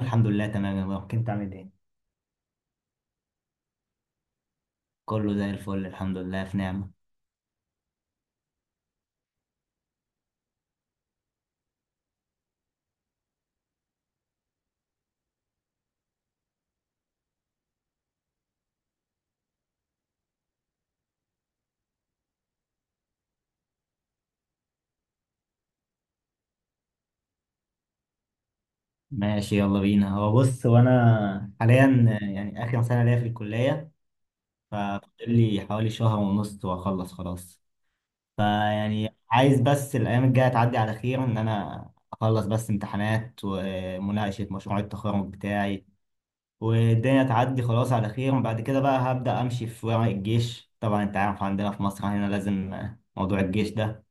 الحمد لله تمام يا مروان. كنت عامل ايه؟ كله زي الفل، الحمد لله في نعمة. ماشي، يلا بينا. هو بص، وانا حاليا يعني اخر سنة ليا في الكلية. ففاضل لي حوالي شهر ونص واخلص خلاص. فيعني عايز بس الايام الجاية تعدي على خير، ان انا اخلص بس امتحانات ومناقشة مشروع التخرج بتاعي، والدنيا تعدي خلاص على خير. وبعد كده بقى هبدأ امشي في ورق الجيش. طبعا انت عارف عندنا في مصر هنا لازم موضوع الجيش ده.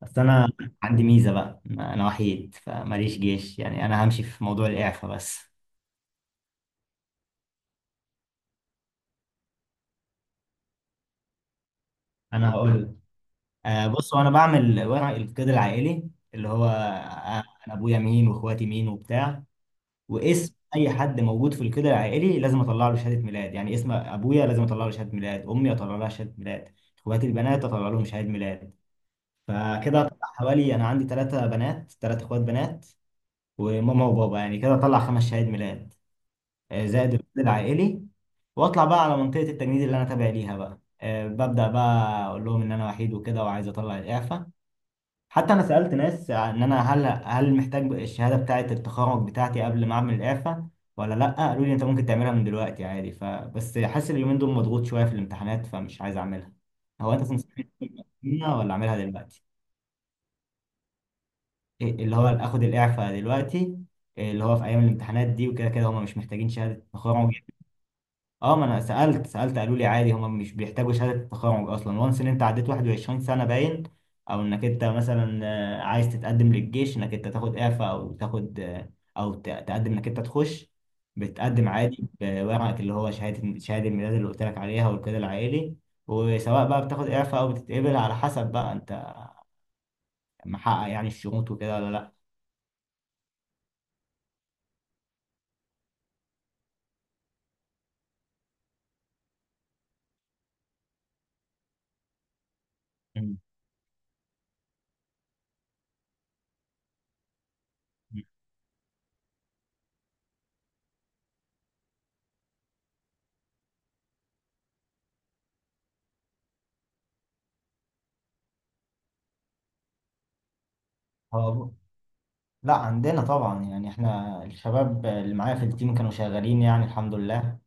بس انا عندي ميزه بقى، انا وحيد فماليش جيش، يعني انا همشي في موضوع الاعفاء بس. انا هقول لك. بص، وانا بعمل ورق القيد العائلي اللي هو انا ابويا مين واخواتي مين وبتاع. واسم اي حد موجود في القيد العائلي لازم اطلع له شهاده ميلاد. يعني اسم ابويا لازم اطلع له شهاده ميلاد، امي اطلع لها شهاده ميلاد، اخواتي البنات اطلع لهم شهاده ميلاد. فكده اطلع حوالي، انا عندي ثلاثه بنات، ثلاث اخوات بنات، وماما وبابا، يعني كده اطلع خمس شهاده ميلاد. زائد الرصيد العائلي. واطلع بقى على منطقه التجنيد اللي انا تابع ليها بقى، ببدا بقى اقول لهم ان انا وحيد وكده وعايز اطلع الاعفاء. حتى انا سالت ناس، ان انا هل محتاج الشهاده بتاعه التخرج بتاعتي قبل ما اعمل الاعفاء ولا لا. قالوا لي انت ممكن تعملها من دلوقتي عادي، فبس حاسس اليومين دول مضغوط شويه في الامتحانات فمش عايز اعملها. هو انت تنصحني أعملها ولا اعملها دلوقتي؟ إيه اللي هو اخد الاعفاء دلوقتي؟ إيه اللي هو في ايام الامتحانات دي وكده؟ كده هم مش محتاجين شهاده تخرج. اه، ما انا سالت قالوا لي عادي، هم مش بيحتاجوا شهاده التخرج اصلا، وانس ان انت عديت 21 سنه باين. او انك انت مثلا عايز تتقدم للجيش، انك انت تاخد اعفاء او تاخد او تقدم انك انت تخش. بتقدم عادي بورقك اللي هو شهاده الميلاد اللي قلت لك عليها والكده العائلي. وسواء بقى بتاخد اعفاء او بتتقبل، على حسب بقى انت محقق يعني الشروط وكده ولا لا. مم. هو لا، عندنا طبعا. يعني احنا الشباب اللي معايا في التيم كانوا شغالين يعني، الحمد لله.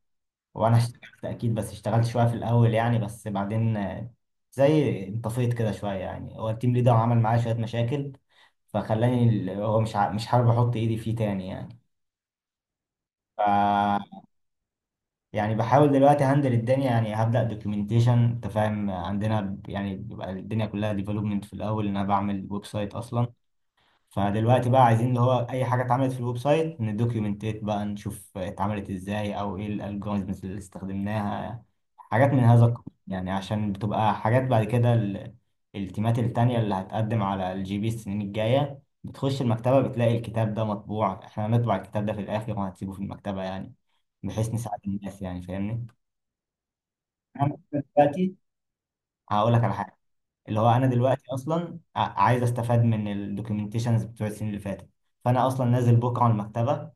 وانا اشتغلت اكيد، بس اشتغلت شويه في الاول يعني، بس بعدين زي انطفيت كده شويه يعني. هو التيم ليدر عمل معايا شويه مشاكل، فخلاني هو مش حابب احط ايدي فيه تاني يعني. ف يعني بحاول دلوقتي هندل الدنيا. يعني هبدا دوكيومنتيشن. انت فاهم، عندنا يعني بيبقى الدنيا كلها ديفلوبمنت في الاول، ان انا بعمل ويب سايت اصلا. فدلوقتي بقى عايزين اللي هو اي حاجه اتعملت في الويب سايت ندوكيومنتات بقى، نشوف اتعملت ازاي او ايه الالجوريزمز اللي استخدمناها، حاجات من هذا القبيل يعني. عشان بتبقى حاجات بعد كده التيمات التانية اللي هتقدم على الجي بي السنين الجاية بتخش المكتبة بتلاقي الكتاب ده مطبوع. احنا هنطبع الكتاب ده في الآخر وهنسيبه في المكتبة يعني، بحيث نساعد الناس يعني. فاهمني؟ أنا دلوقتي هقول لك على حاجة. اللي هو انا دلوقتي اصلا عايز استفاد من الدوكيومنتيشنز بتوع السنين اللي فاتت. فانا اصلا نازل بكره على المكتبه،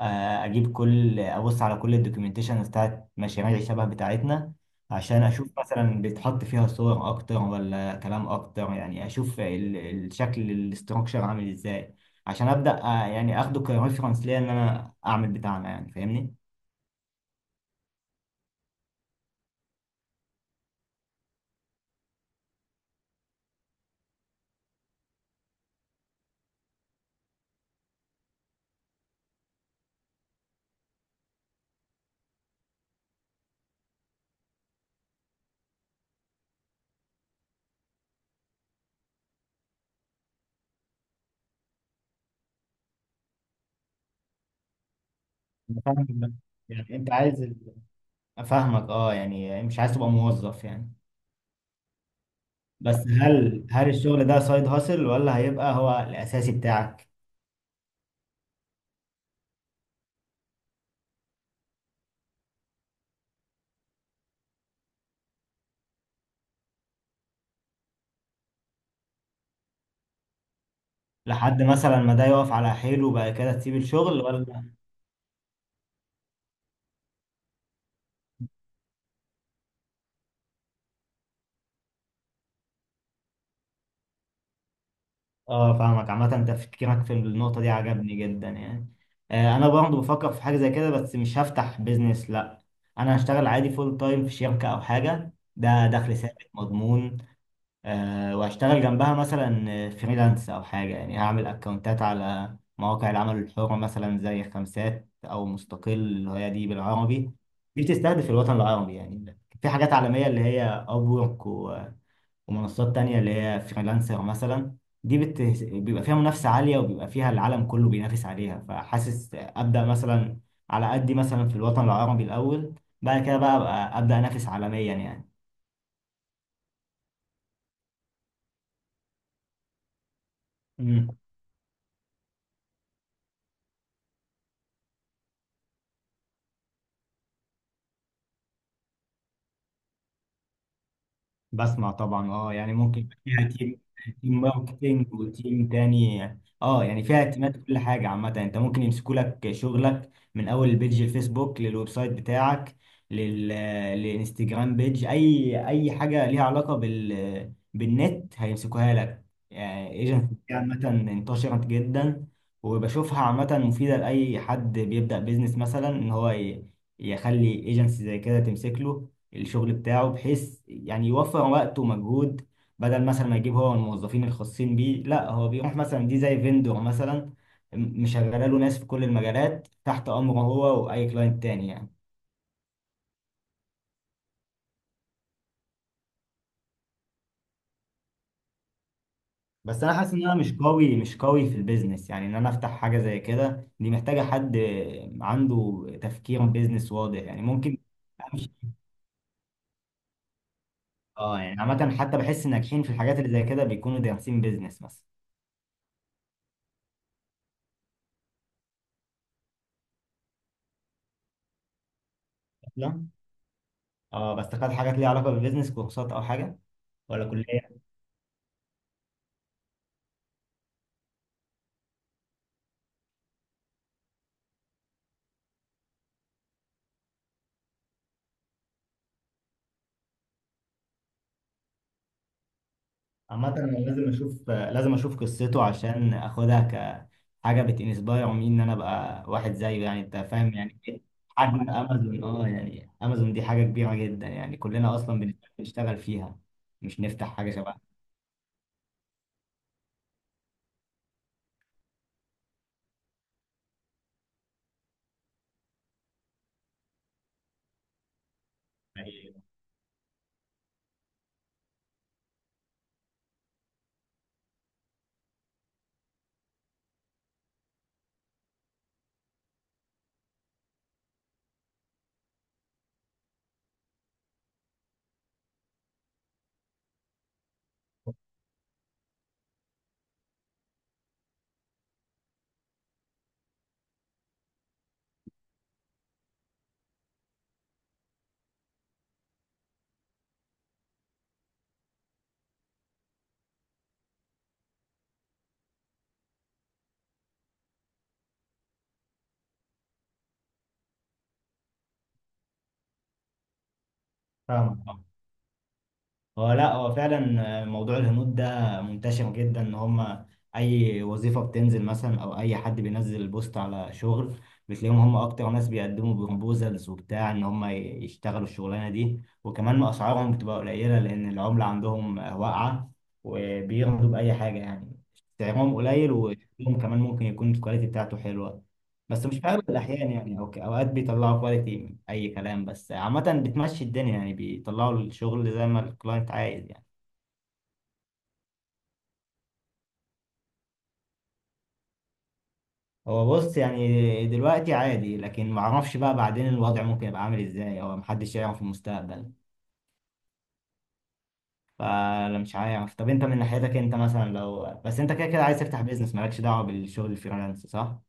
اجيب كل، ابص على كل الدوكيومنتيشنز بتاعت مشاريع الشبه بتاعتنا، عشان اشوف مثلا بيتحط فيها صور اكتر ولا كلام اكتر، يعني اشوف الشكل الاستراكشر عامل ازاي، عشان ابدا يعني اخده كريفرنس ليا ان انا اعمل بتاعنا يعني. فاهمني؟ أنا فاهمك بس. يعني انت عايز افهمك، اه يعني مش عايز تبقى موظف يعني. بس هل الشغل ده سايد هاسل ولا هيبقى هو الأساسي بتاعك؟ لحد مثلا ما ده يقف على حيله وبعد كده تسيب الشغل ولا؟ اه فاهمك. عامة تفكيرك في النقطة دي عجبني جدا يعني. أنا برضه بفكر في حاجة زي كده، بس مش هفتح بيزنس لأ. أنا هشتغل عادي فول تايم في شركة أو حاجة، ده دخل ثابت مضمون. واشتغل جنبها مثلا فريلانس او حاجه. يعني هعمل اكونتات على مواقع العمل الحر مثلا زي خمسات او مستقل، اللي هي دي بالعربي، دي بتستهدف الوطن العربي. يعني في حاجات عالميه اللي هي ابورك ومنصات تانية اللي هي فريلانسر مثلا. بيبقى فيها منافسه عاليه وبيبقى فيها العالم كله بينافس عليها، فحاسس ابدا مثلا على قدي مثلا في الوطن العربي الاول، بعد كده بقى أبقى ابدا انافس عالميا يعني. بسمع طبعا، اه يعني ممكن يبقى فيها تيم، تيم ماركتينج وتيم تاني. اه يعني فيها اعتماد كل حاجه. عامه انت ممكن يمسكوا لك شغلك من اول البيج الفيسبوك للويب سايت بتاعك، لل للانستجرام بيج، اي اي حاجه ليها علاقه بالنت هيمسكوها لك يعني. ايجنت عامه انتشرت جدا، وبشوفها عامه مفيده لاي حد بيبدا بيزنس. مثلا ان هو يخلي ايجنسي زي كده تمسك له الشغل بتاعه، بحيث يعني يوفر وقت ومجهود، بدل مثلا ما يجيب هو الموظفين الخاصين بيه. لا، هو بيروح مثلا دي زي فيندور مثلا، مشغله له ناس في كل المجالات تحت امره هو واي كلاينت تاني يعني. بس انا حاسس ان انا مش قوي في البيزنس يعني. ان انا افتح حاجه زي كده دي محتاجه حد عنده تفكير بيزنس واضح يعني ممكن. أمشي- اه يعني عامه، حتى بحس الناجحين في الحاجات اللي زي كده بيكونوا دارسين بيزنس مثلا. لا اه، بس خد حاجات ليها علاقه بالبيزنس، كورسات او حاجه ولا كليه. عامة أنا لازم أشوف، لازم أشوف قصته عشان أخدها كحاجة بتنسباير مين، إن أنا أبقى واحد زيه. يعني أنت فاهم يعني إيه؟ حجم أمازون، أه يعني أمازون دي حاجة كبيرة جدا يعني، كلنا أصلا بنشتغل فيها، مش نفتح حاجة شبهها. أيوة. فاهمك. هو لا، هو فعلا موضوع الهنود ده منتشر جدا. ان هم اي وظيفه بتنزل مثلا، او اي حد بينزل بوست على شغل، بتلاقيهم هم اكتر ناس بيقدموا بروبوزلز وبتاع ان هم يشتغلوا الشغلانه دي، وكمان اسعارهم بتبقى قليله لان العمله عندهم واقعه، وبيرضوا باي حاجه يعني. سعرهم قليل وشغلهم كمان ممكن يكون الكواليتي بتاعته حلوه، بس مش في اغلب الاحيان يعني. اوكي، اوقات بيطلعوا كواليتي اي كلام، بس عامه بتمشي الدنيا يعني، بيطلعوا الشغل زي ما الكلاينت عايز يعني. هو بص، يعني دلوقتي عادي، لكن ما اعرفش بقى بعدين الوضع ممكن يبقى عامل ازاي، او محدش يعرف في المستقبل. فانا مش عارف. طب انت من ناحيتك، انت مثلا لو بس انت كده كده عايز تفتح بيزنس مالكش دعوه بالشغل الفريلانس، صح؟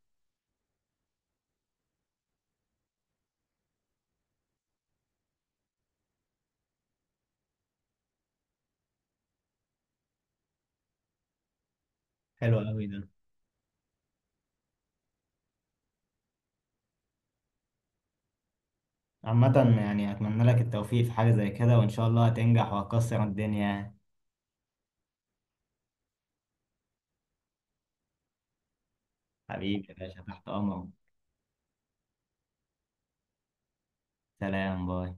حلو قوي ده. عامه يعني اتمنى لك التوفيق في حاجه زي كده، وان شاء الله هتنجح وهتكسر الدنيا. حبيبي يا باشا، تحت امرك. سلام، باي.